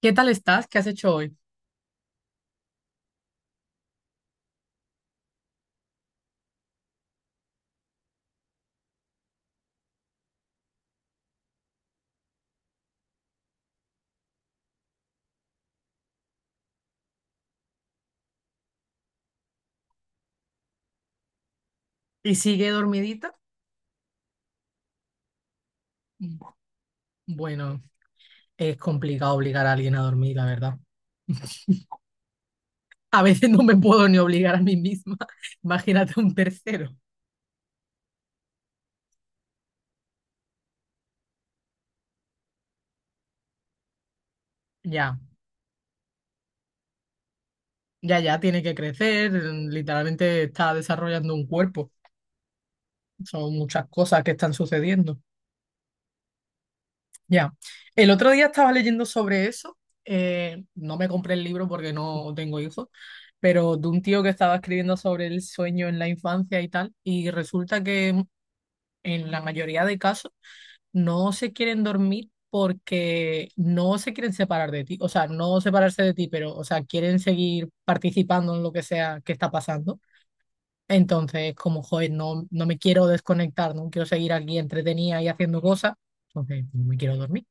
¿Qué tal estás? ¿Qué has hecho hoy? ¿Y sigue dormidita? Mm, Bueno, es complicado obligar a alguien a dormir, la verdad. A veces no me puedo ni obligar a mí misma. Imagínate un tercero. Ya, ya, ya tiene que crecer. Literalmente está desarrollando un cuerpo. Son muchas cosas que están sucediendo. Ya. El otro día estaba leyendo sobre eso. No me compré el libro porque no tengo hijos, pero de un tío que estaba escribiendo sobre el sueño en la infancia y tal. Y resulta que en la mayoría de casos, no se quieren dormir porque no se quieren separar de ti, o sea, no separarse de ti, pero, o sea, quieren seguir participando en lo que sea que está pasando. Entonces, como, joder, no me quiero desconectar, no quiero seguir aquí entretenida y haciendo cosas, entonces no me quiero dormir.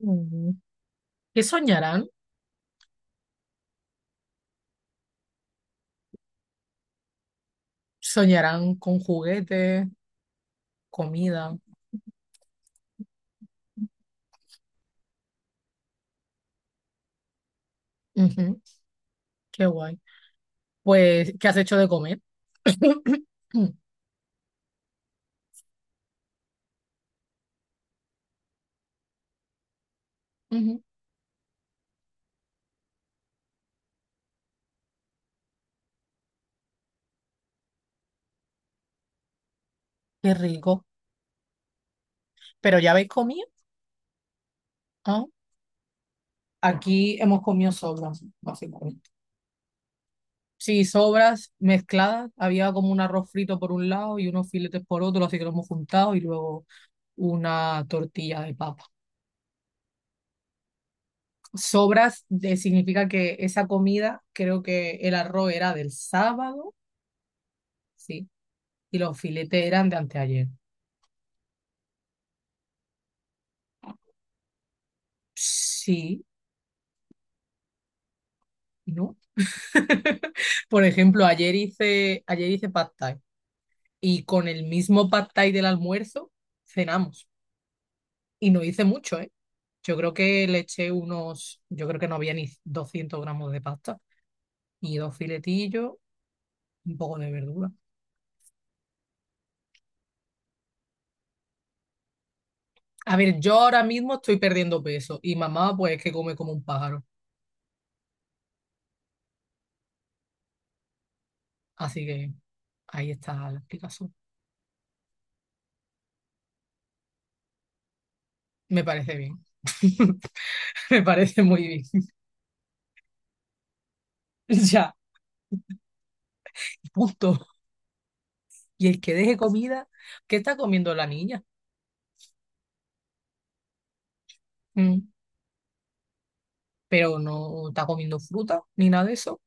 Mm. ¿Qué soñarán? Soñarán con juguetes, comida. Ujú. Qué guay. Pues, ¿qué has hecho de comer? Ujú. Qué rico. Pero ya habéis comido. Ah, aquí hemos comido sobras, básicamente. Sí, sobras mezcladas. Había como un arroz frito por un lado y unos filetes por otro, así que lo hemos juntado y luego una tortilla de papa. Sobras de- significa que esa comida, creo que el arroz era del sábado, sí, y los filetes eran de anteayer. Sí, ¿no? Por ejemplo, ayer hice pad thai y con el mismo pad thai del almuerzo cenamos. Y no hice mucho, ¿eh? Yo creo que no había ni 200 gramos de pasta y dos filetillos, un poco de verdura. A ver, yo ahora mismo estoy perdiendo peso y mamá pues es que come como un pájaro. Así que ahí está la explicación. Me parece bien. Me parece muy bien. Ya, punto. Y el que deje comida, ¿qué está comiendo la niña? Mm. Pero no está comiendo fruta ni nada de eso.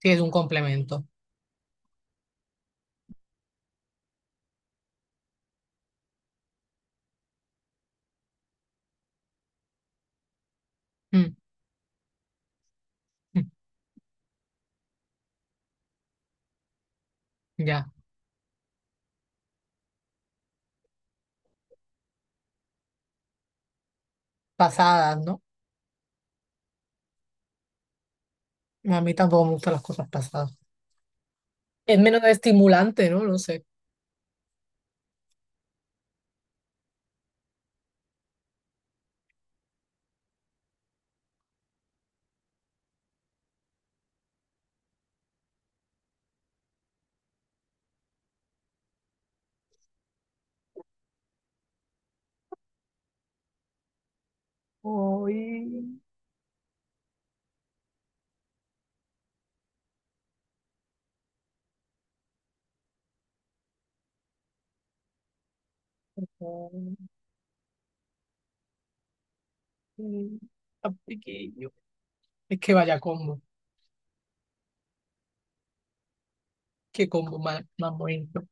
Sí, es un complemento. Mm, mm, Ya, pasadas, ¿no? No, a mí tampoco me gustan las cosas pasadas. Es menos estimulante, ¿no? No sé. Ay, ay, tan pequeño. Es que vaya combo. Qué combo más, más bonito.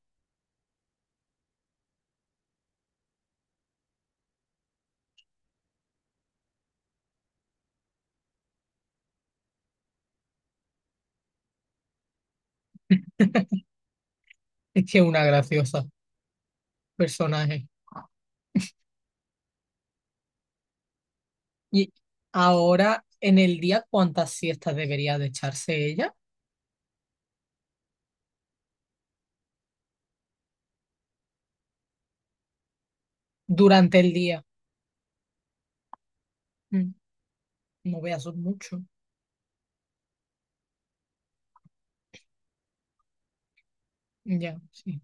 Es que es una graciosa personaje. Y ahora, en el día, ¿cuántas siestas debería de echarse ella? Durante el día. Mm, No veas son mucho. Ya, sí.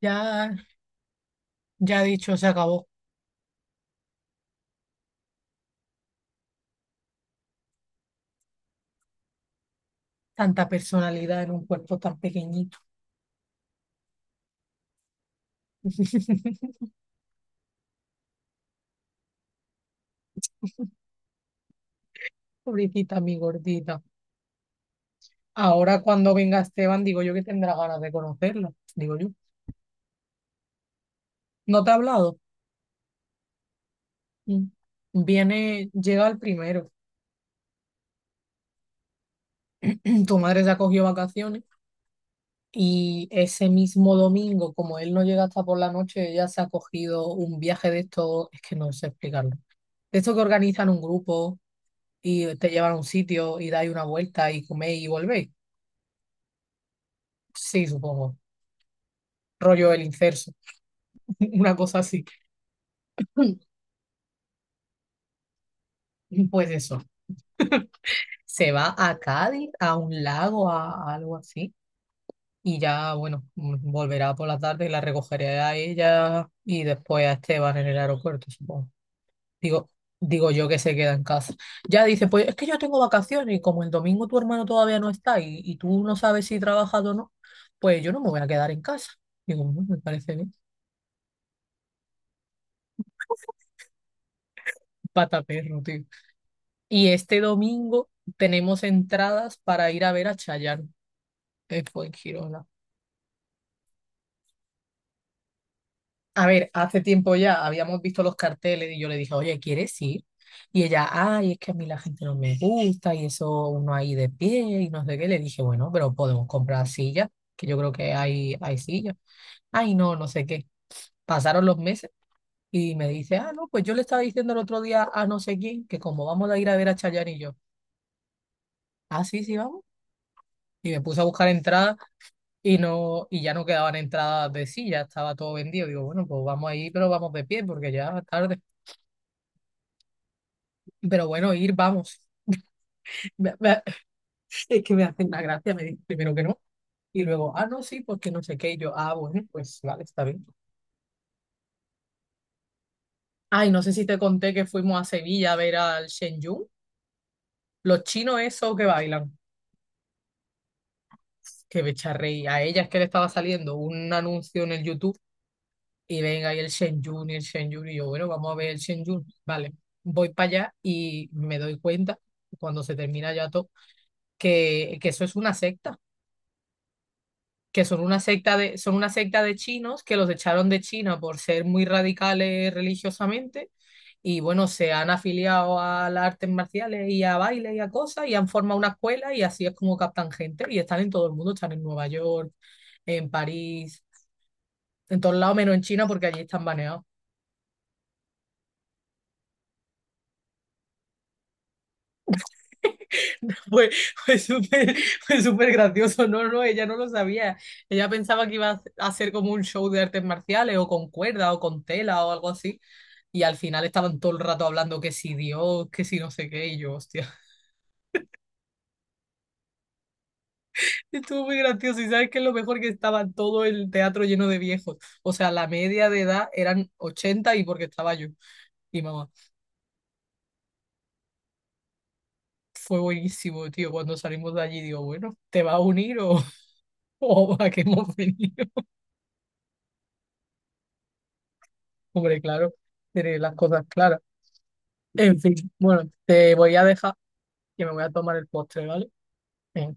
Ya, ya dicho, se acabó. Tanta personalidad en un cuerpo tan pequeñito. Pobrecita, mi gordita. Ahora cuando venga Esteban, digo yo que tendrá ganas de conocerla, digo yo. ¿No te ha hablado? Mm. Viene, llega el primero. Tu madre se ha cogido vacaciones y ese mismo domingo, como él no llega hasta por la noche, ella se ha cogido un viaje de estos, es que no sé explicarlo. De estos que organizan un grupo y te llevan a un sitio y dais una vuelta y coméis y volvéis. Sí, supongo. Rollo el incerso, una cosa así. Pues eso. Se va a Cádiz, a un lago, a algo así. Y ya, bueno, volverá por la tarde y la recogeré a ella y después a Esteban en el aeropuerto, supongo. Digo, digo yo que se queda en casa. Ya dice, pues es que yo tengo vacaciones y como el domingo tu hermano todavía no está y tú no sabes si trabajas o no, pues yo no me voy a quedar en casa. Digo, "Mm, me parece bien." Pata perro, tío. Y este domingo tenemos entradas para ir a ver a Chayanne, que fue en Girona. A ver, hace tiempo ya habíamos visto los carteles y yo le dije, oye, ¿quieres ir? Y ella, ay, es que a mí la gente no me gusta y eso uno ahí de pie y no sé qué. Le dije, bueno, pero podemos comprar sillas, que yo creo que hay sillas. Ay, no, no sé qué. Pasaron los meses y me dice, ah, no, pues yo le estaba diciendo el otro día a no sé quién que como vamos a ir a ver a Chayanne y yo, ah, sí, sí, vamos. Y me puse a buscar entradas y no, y ya no quedaban entradas de silla, estaba todo vendido. Digo, bueno, pues vamos ahí, pero vamos de pie porque ya es tarde. Pero bueno, ir, vamos. Me- me- es que me hacen una gracia, me dicen primero que no. Y luego, ah, no, sí, porque no sé qué. Y yo, ah, bueno, pues vale, está bien. Ay, no sé si te conté que fuimos a Sevilla a ver al Shen Yun. Los chinos esos que bailan. Que me echa a reír. A ella es que le estaba saliendo un anuncio en el YouTube. Y venga, y el Shen Yun, y el Shen Yun. Y yo, bueno, vamos a ver el Shen Yun. Vale, voy para allá y me doy cuenta, cuando se termina ya todo, que eso es una secta, que son una secta de, son una secta de chinos que los echaron de China por ser muy radicales religiosamente y bueno, se han afiliado a las artes marciales y a bailes y a cosas y han formado una escuela y así es como captan gente y están en todo el mundo, están en Nueva York, en París, en todos lados menos en China porque allí están baneados. Fue, fue súper, fue súper gracioso. No, no, ella no lo sabía. Ella pensaba que iba a hacer como un show de artes marciales o con cuerda o con tela o algo así. Y al final estaban todo el rato hablando que si Dios, que si no sé qué. Y yo, hostia, estuvo muy gracioso. Y sabes que es lo mejor, que estaba todo el teatro lleno de viejos. O sea, la media de edad eran 80 y porque estaba yo. Y mamá, fue buenísimo, tío. Cuando salimos de allí, digo, bueno, ¿te vas a unir o, o a qué hemos venido? Hombre, claro, tiene las cosas claras. En fin, bueno, te voy a dejar, que me voy a tomar el postre, ¿vale? Eh,